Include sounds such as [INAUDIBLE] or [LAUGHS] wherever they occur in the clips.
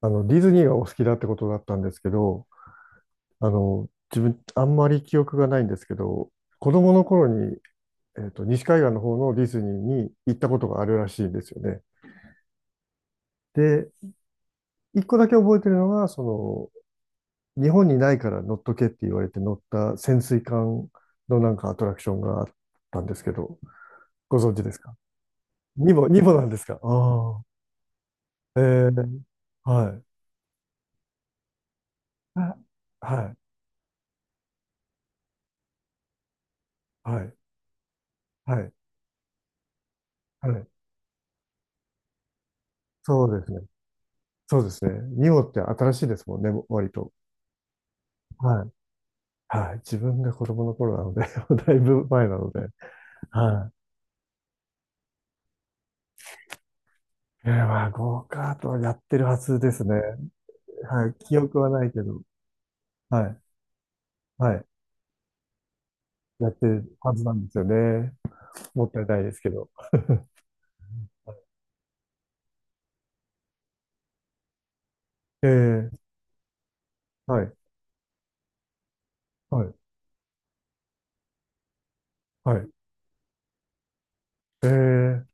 ディズニーがお好きだってことだったんですけど、自分、あんまり記憶がないんですけど、子供の頃に、西海岸の方のディズニーに行ったことがあるらしいんですよね。で、一個だけ覚えてるのが、日本にないから乗っとけって言われて乗った潜水艦のなんかアトラクションがあったんですけど、ご存知ですか？にも、にもなんですか？ああ、ええ、はい。あ、はい、はい、はい、はい。そうですね。そうですね。ニオって新しいですもんね、割と。はい。はい。自分が子供の頃なので [LAUGHS] だいぶ前なので。はい。まあ、ゴーカートはやってるはずですね。はい。記憶はないけど。はい。はい。やってるはずなんですよね。もったいないですけど。えー、はい。はい。はい。えー、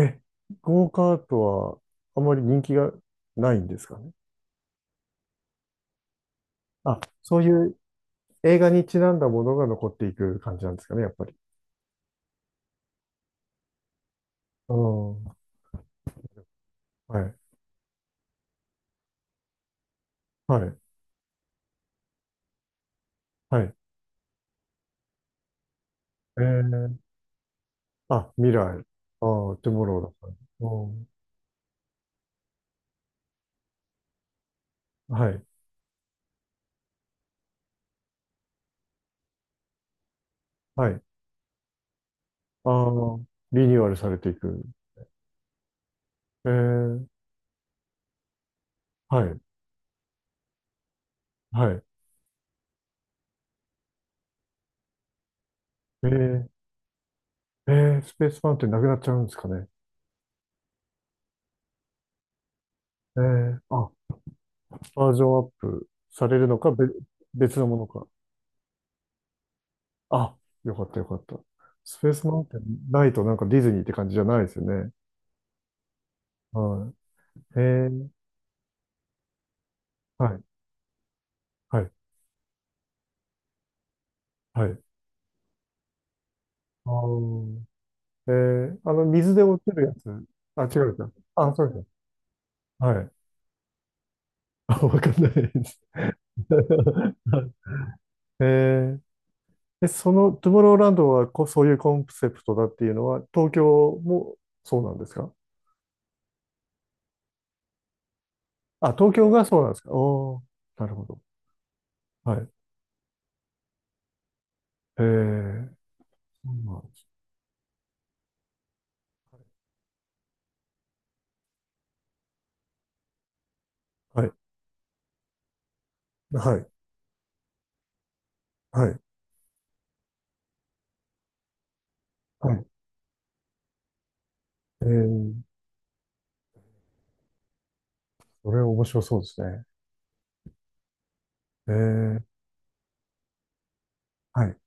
え、ゴーカートはあまり人気がないんですかね？あ、そういう映画にちなんだものが残っていく感じなんですかね、やっぱり。うん。はい。はい、はい。えー、あ、未来。あー、トゥモロー、だから。うん、はい、はい。あー、リニューアルされていく。えー、はい、はい。えー、えスペースマウンテンなくなっちゃうんですかね？あ、バージョンアップされるのか、別のものか。あ、よかった、よかった。スペースマウンテン、ないとなんかディズニーって感じじゃないですよね。はい。ー、はい、はい、はい。あー水で落ちるやつ。あ、違うか。あ、そうです、はい。[LAUGHS] あ、わかんないです。[LAUGHS] えー、で、トゥモローランドはそういうコンセプトだっていうのは、東京もそうなんですか？あ、東京がそうなんですか？おー、なるほど。はい。えー、そうなんです。はい。はい。はい。はい。えー、それ面白そうですね。えー、はい。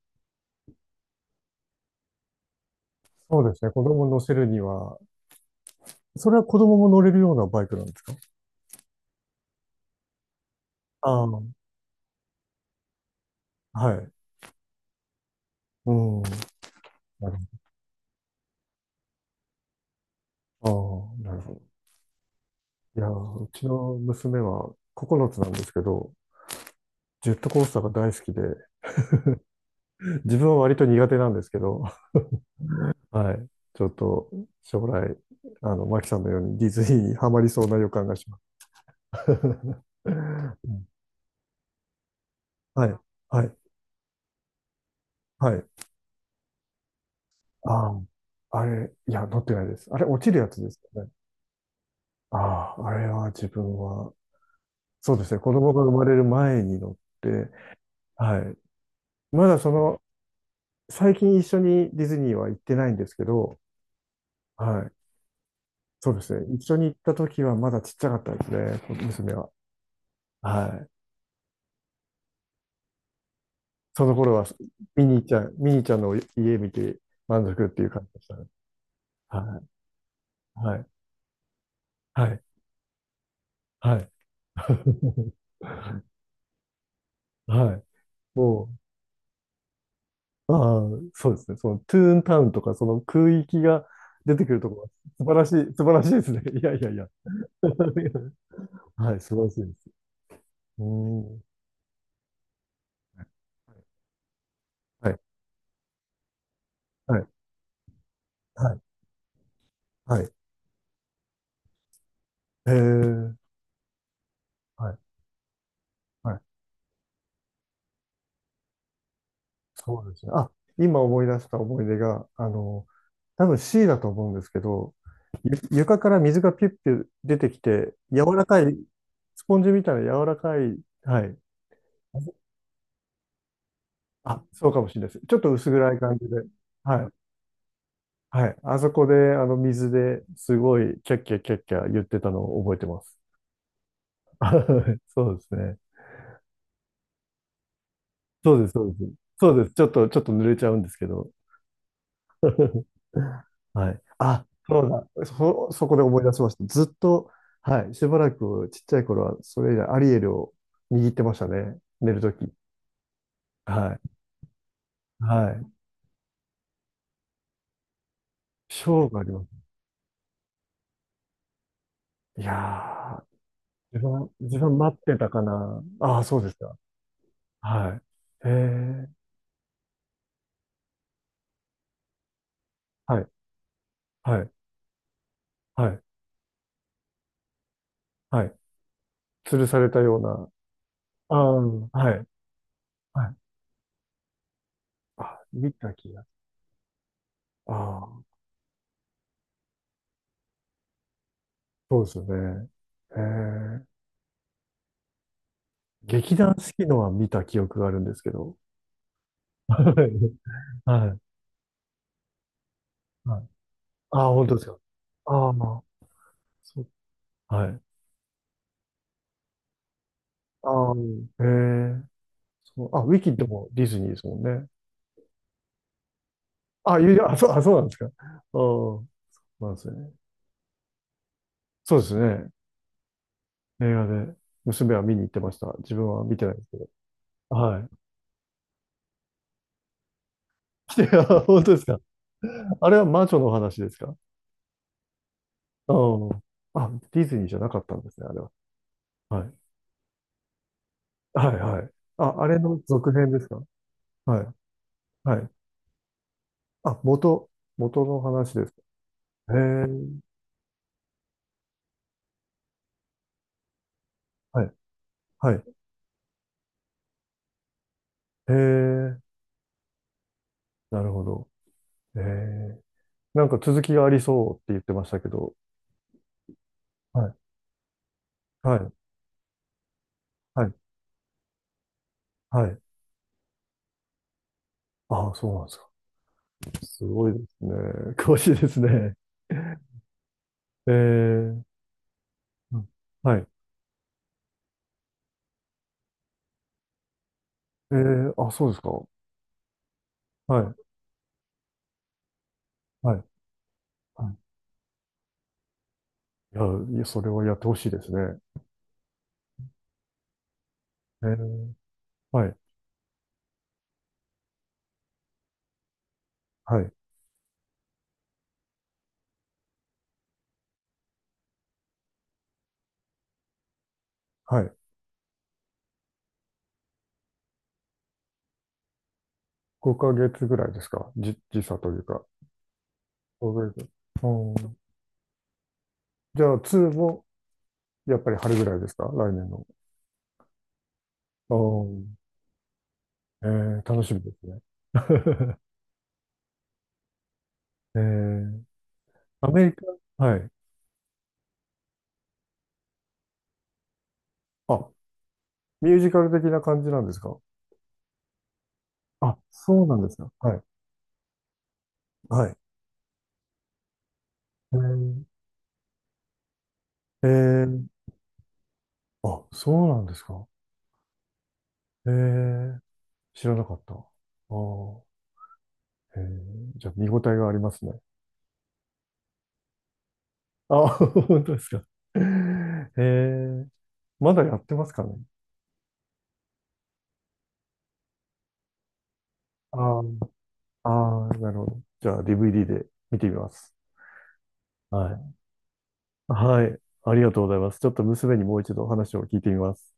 そうですね。子供乗せるには、それは子供も乗れるようなバイクなんですか？ああー、はい。うん。なるほど。ああ、なるほど。いやー、うちの娘は9つなんですけど、ジェットコースターが大好きで、自分は割と苦手なんですけど、[LAUGHS] はい。ちょっと将来、マキさんのようにディズニーにハマりそうな予感がします。[LAUGHS] うん、はい、はい、はい。ああ、あれ、いや、乗ってないです。あれ、落ちるやつですよね。ああ、あれは自分は、そうですね、子供が生まれる前に乗って、はい。まだ最近一緒にディズニーは行ってないんですけど、はい。そうですね。一緒に行った時はまだちっちゃかったですね、こ娘は。はい。その頃はミニーちゃんの家見て満足っていう感じでしたね。はい。はい。はい。はい。[LAUGHS] はい。もう、ああ、そうですね。そのトゥーンタウンとか、その空域が出てくるところは素晴らしい、素晴らしいですね。[LAUGHS] いやいやいや。[LAUGHS] はい、素晴らしいです。うん。はい。はい。はい。はい。はい。へえ、はい、はい。そうですね。あ、今思い出した思い出が、多分 C だと思うんですけど、ゆ床から水がピュッピュ出てきて、柔らかい、スポンジみたいな柔らかい、はい。あ、そうかもしれないです。ちょっと薄暗い感じで。はい。はい。あそこで、水ですごい、キャッキャキャッキャ言ってたのを覚えてます。[LAUGHS] あ、はい、そうですね。そうです、そうです。そうです。ちょっと、ちょっと濡れちゃうんですけど。[LAUGHS] はい。あ、そうだ。そこで思い出しました。ずっと、はい。しばらくちっちゃい頃は、それ以来アリエルを握ってましたね。寝るとき。はい。はい。ショーがあります？いやー、自分待ってたかな。ああ、そうですか。はい。へえ、はい、はい、はい、はい。吊るされたような。ああ、はい、はい。あ、見た気が。ああ、そうですよね。へえ、劇団四季のは見た記憶があるんですけど。はい、はい。はい。ああ、本当ですか？ああ、そう。はい。ああ、へえ、そう。あ、ウィキッドもディズニーですもんね。あ、いや、あ、そう、あ、そうなんですか。ああ、なんですね。そうですね。映画で、娘は見に行ってました。自分は見てないんですけど。はい。[LAUGHS] いや、本当ですか？あれは魔女のお話ですか？ああ、あ、ディズニーじゃなかったんですね、あれは。はい。はい、はい。あ、あれの続編ですか？はい、はい。あ、元の話ですか？へえ、はい。はい。へえ、なるほど。へえ。なんか続きがありそうって言ってましたけど。はい。はい。はい。はい。ああ、そうなんですか。すごいですね。[LAUGHS] 詳しいですね。ええ、うん、はい。ええ、あ、そうですか。はい。はい。はい。いや、いや、それはやってほしいですね。ええ、はい。はい。はい。5ヶ月ぐらいですか？時差というか。5ヶ月。うん。じゃあ、2もやっぱり春ぐらいですか？来年の。うん、楽しみですね。[LAUGHS] えー、アメリカ、はい。あ、ミュージカル的な感じなんですか？あ、そうなんですか。はい。はい。えー、えーあ、そうなんですか。えー、知らなかった。ああ、じゃあ見応えがありますね。あ、[LAUGHS] 本当ですか？[LAUGHS] えー、まだやってますかね？あーあー、なるほど。じゃあ DVD で見てみます。はい。はい。ありがとうございます。ちょっと娘にもう一度話を聞いてみます。